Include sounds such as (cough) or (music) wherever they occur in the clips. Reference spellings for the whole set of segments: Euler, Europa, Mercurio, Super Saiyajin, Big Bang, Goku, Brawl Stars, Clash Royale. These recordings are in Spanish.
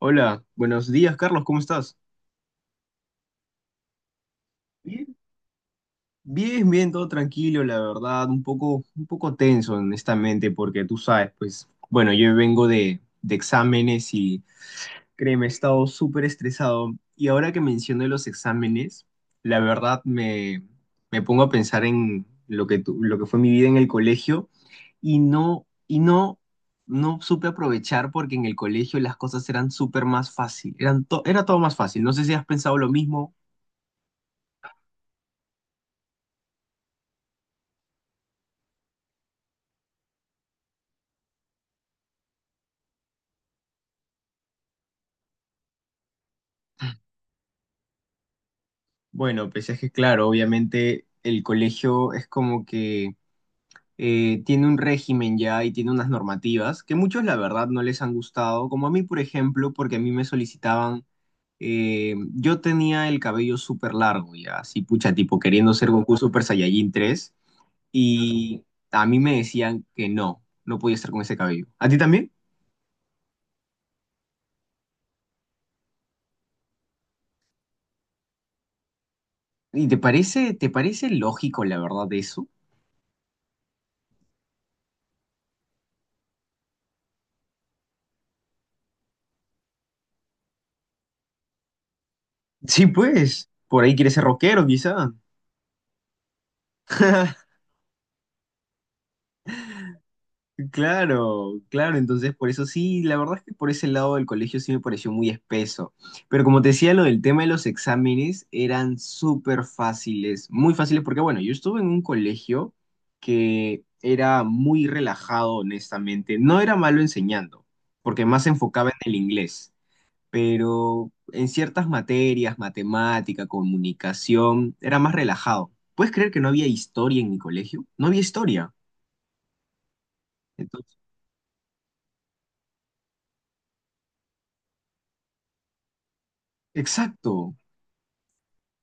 Hola, buenos días, Carlos, ¿cómo estás? Bien. Bien, bien, todo tranquilo, la verdad, un poco tenso, honestamente, porque tú sabes, pues, bueno, yo vengo de exámenes y créeme, he estado súper estresado. Y ahora que menciono los exámenes, la verdad me pongo a pensar en lo que, lo que fue mi vida en el colegio y no supe aprovechar porque en el colegio las cosas eran súper más fácil, eran era todo más fácil. No sé si has pensado lo mismo. Bueno, pues es que claro, obviamente el colegio es como que tiene un régimen ya y tiene unas normativas que muchos la verdad no les han gustado, como a mí por ejemplo, porque a mí me solicitaban, yo tenía el cabello súper largo ya, así pucha, tipo queriendo ser Goku Super Saiyajin 3 y a mí me decían que no podía estar con ese cabello. ¿A ti también? ¿Y te parece lógico la verdad eso? Sí, pues, por ahí quieres ser rockero quizá. (laughs) Claro, claro, entonces por eso sí, la verdad es que por ese lado del colegio sí me pareció muy espeso. Pero como te decía, lo del tema de los exámenes eran súper fáciles, muy fáciles, porque bueno, yo estuve en un colegio que era muy relajado, honestamente. No era malo enseñando, porque más se enfocaba en el inglés, pero en ciertas materias, matemática, comunicación, era más relajado. ¿Puedes creer que no había historia en mi colegio? No había historia. Entonces, exacto.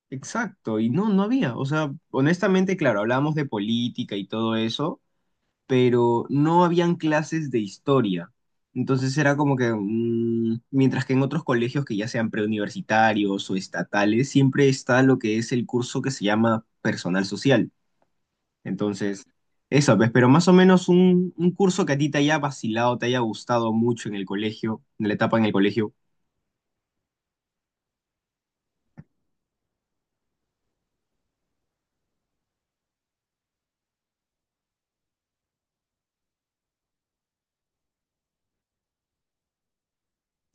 Exacto, y no había, o sea, honestamente, claro, hablábamos de política y todo eso, pero no habían clases de historia. Entonces era como que, mientras que en otros colegios que ya sean preuniversitarios o estatales, siempre está lo que es el curso que se llama personal social. Entonces, eso, pues, pero más o menos un curso que a ti te haya vacilado, te haya gustado mucho en el colegio, en la etapa en el colegio.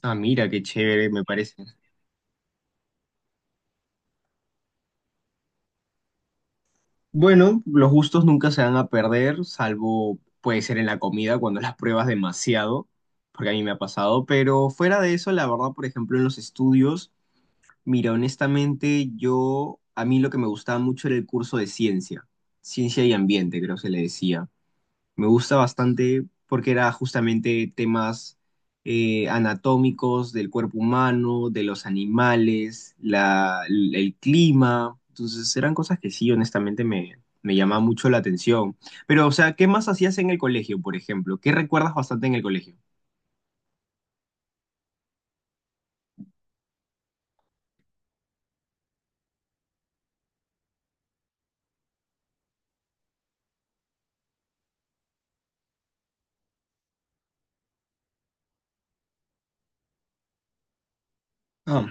Ah, mira, qué chévere, me parece. Bueno, los gustos nunca se van a perder, salvo puede ser en la comida cuando las pruebas demasiado, porque a mí me ha pasado, pero fuera de eso, la verdad, por ejemplo, en los estudios, mira, honestamente, yo, a mí lo que me gustaba mucho era el curso de ciencia, ciencia y ambiente, creo que se le decía. Me gusta bastante porque era justamente temas anatómicos del cuerpo humano, de los animales, la, el clima. Entonces eran cosas que sí, honestamente me llamaba mucho la atención. Pero, o sea, ¿qué más hacías en el colegio, por ejemplo? ¿Qué recuerdas bastante en el colegio? Ah.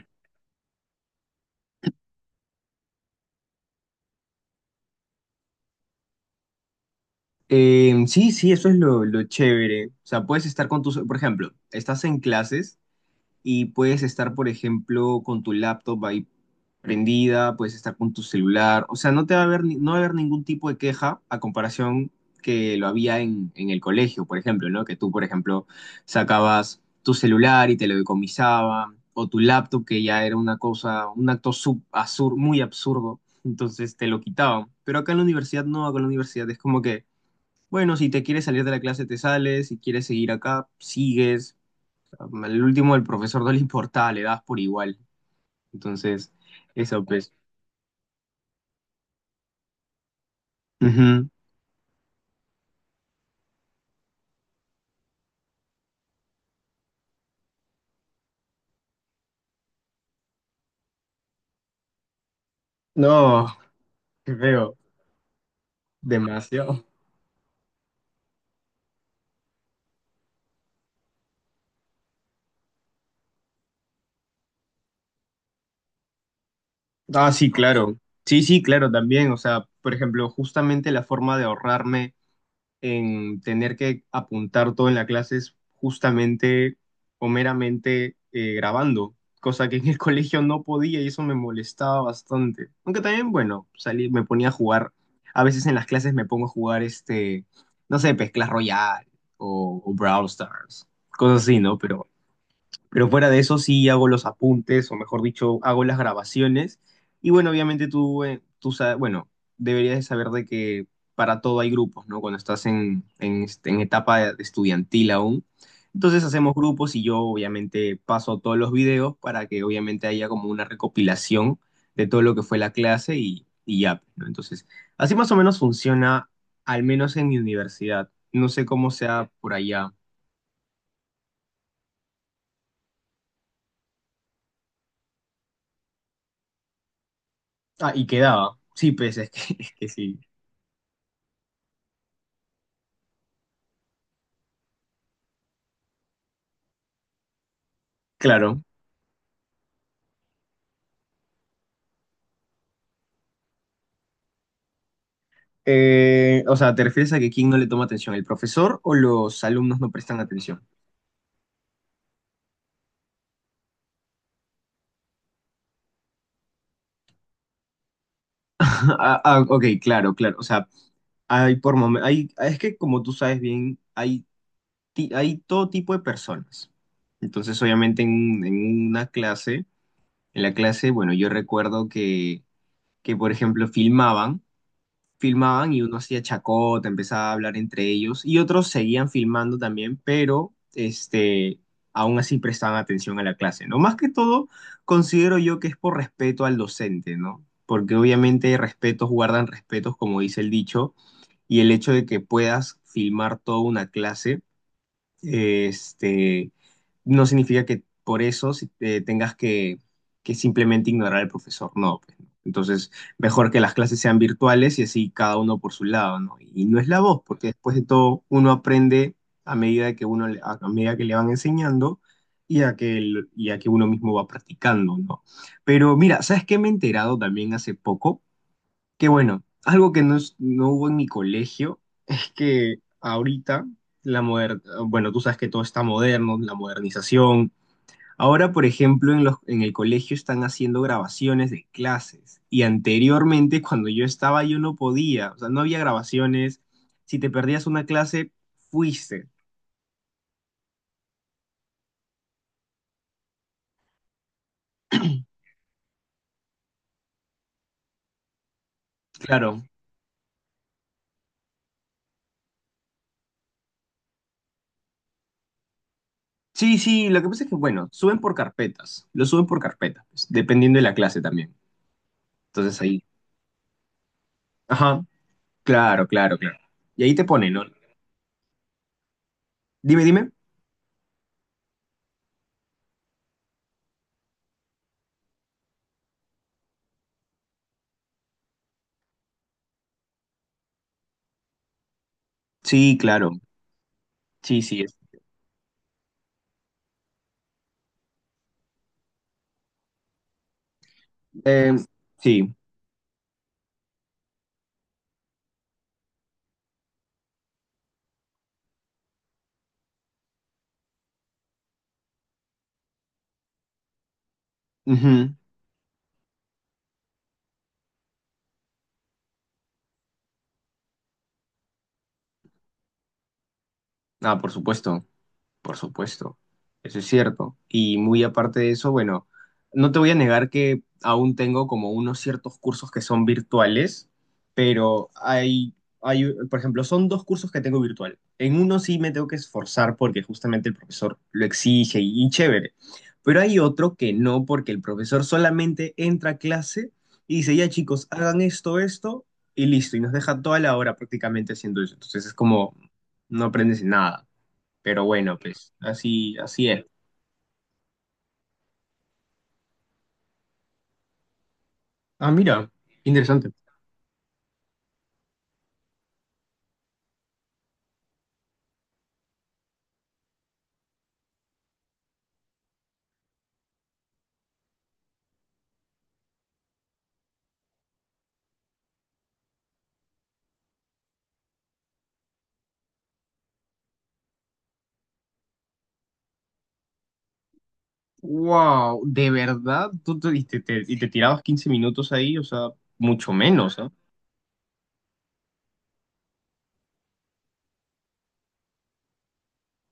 Sí, sí, eso es lo chévere. O sea, puedes estar con tus, por ejemplo, estás en clases y puedes estar, por ejemplo, con tu laptop ahí prendida, puedes estar con tu celular, o sea, no te va a haber, no va a haber ningún tipo de queja a comparación que lo había en el colegio, por ejemplo, ¿no? Que tú, por ejemplo, sacabas tu celular y te lo decomisaban, o tu laptop, que ya era una cosa, un acto muy absurdo, (laughs) entonces te lo quitaban. Pero acá en la universidad no, acá en la universidad es como que, bueno, si te quieres salir de la clase, te sales, si quieres seguir acá, sigues. Al último, el profesor no le importa, le das por igual. Entonces, eso pues. Ujú. No, qué feo, demasiado. Ah, sí, claro. Sí, sí, claro, también. O sea, por ejemplo, justamente la forma de ahorrarme en tener que apuntar todo en la clase es justamente o meramente grabando, cosa que en el (laughs) colegio no podía y eso me molestaba bastante. Aunque también, bueno, salí, me ponía a jugar. A veces en las clases me pongo a jugar este, no sé, pues Clash Royale o Brawl Stars, cosas así, ¿no? Pero fuera de eso sí hago los apuntes, o mejor dicho, hago las grabaciones. Y bueno, obviamente tú sabes, bueno, deberías de saber de que para todo hay grupos, ¿no? Cuando estás en etapa estudiantil aún. Entonces hacemos grupos y yo obviamente paso todos los videos para que obviamente haya como una recopilación de todo lo que fue la clase y ya, ¿no? Entonces, así más o menos funciona, al menos en mi universidad. No sé cómo sea por allá. Ah, y quedaba. Sí, pues es que, (laughs) es que sí. Claro. O sea, ¿te refieres a que quién no le toma atención? ¿El profesor o los alumnos no prestan atención? (laughs) Ah, ah, ok, claro, claro. O sea, hay, es que como tú sabes bien, hay todo tipo de personas. Entonces, obviamente, en una clase, en la clase, bueno, yo recuerdo que por ejemplo, filmaban y uno hacía chacota, empezaba a hablar entre ellos y otros seguían filmando también, pero aún así prestaban atención a la clase, ¿no? Más que todo, considero yo que es por respeto al docente, ¿no? Porque obviamente respetos guardan respetos, como dice el dicho, y el hecho de que puedas filmar toda una clase este, no significa que por eso tengas que simplemente ignorar al profesor, no, pues, ¿no? Entonces, mejor que las clases sean virtuales y así cada uno por su lado, ¿no? Y no es la voz, porque después de todo uno aprende a medida que uno a medida que le van enseñando y a que uno mismo va practicando, ¿no? Pero mira, ¿sabes qué me he enterado también hace poco? Qué bueno. Algo que no, no hubo en mi colegio es que ahorita la moder- bueno, tú sabes que todo está moderno, la modernización. Ahora, por ejemplo, en los, en el colegio están haciendo grabaciones de clases y anteriormente cuando yo estaba yo no podía, o sea, no había grabaciones. Si te perdías una clase, fuiste. Claro. Sí, sí, lo que pasa es que, bueno, suben por carpetas, lo suben por carpetas, pues, dependiendo de la clase también. Entonces ahí. Ajá, claro, claro, claro. Y ahí te ponen, ¿no? Dime, dime. Sí, claro. Sí, sí. Eh, sí. Ujú. Ah, por supuesto. Por supuesto, eso es cierto. Y muy aparte de eso, bueno, no te voy a negar que aún tengo como unos ciertos cursos que son virtuales, pero hay, por ejemplo, son dos cursos que tengo virtual. En uno sí me tengo que esforzar porque justamente el profesor lo exige y chévere, pero hay otro que no porque el profesor solamente entra a clase y dice, ya chicos, hagan esto, esto, y listo, y nos deja toda la hora prácticamente haciendo eso. Entonces es como, no aprendes nada. Pero bueno, pues así, así es. Ah, mira, interesante. Wow, ¿de verdad? ¿Tú te- y te tirabas 15 minutos ahí? O sea, mucho menos, ¿ah?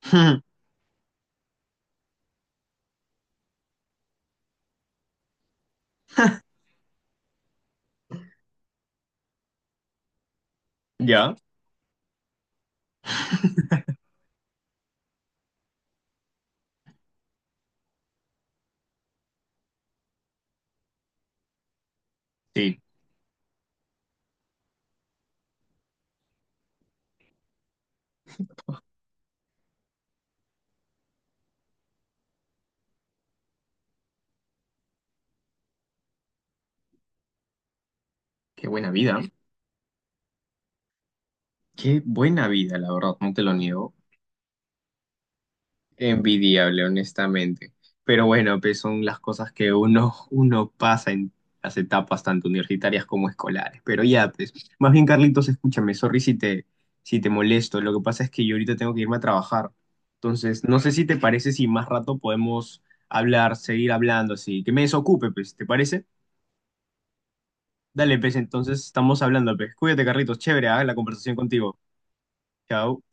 (laughs) ¿Ya? Sí, qué buena vida. Qué buena vida, la verdad, no te lo niego. Envidiable, honestamente. Pero bueno, pues son las cosas que uno, (laughs) uno pasa en las etapas tanto universitarias como escolares. Pero ya, pues, más bien, Carlitos, escúchame, sorry si te, molesto. Lo que pasa es que yo ahorita tengo que irme a trabajar. Entonces, no sé si te parece si más rato podemos hablar, seguir hablando, así. Que me desocupe, pues, ¿te parece? Dale, pues, entonces estamos hablando, pues. Cuídate, Carlitos, chévere, ¿ah? La conversación contigo. Chao.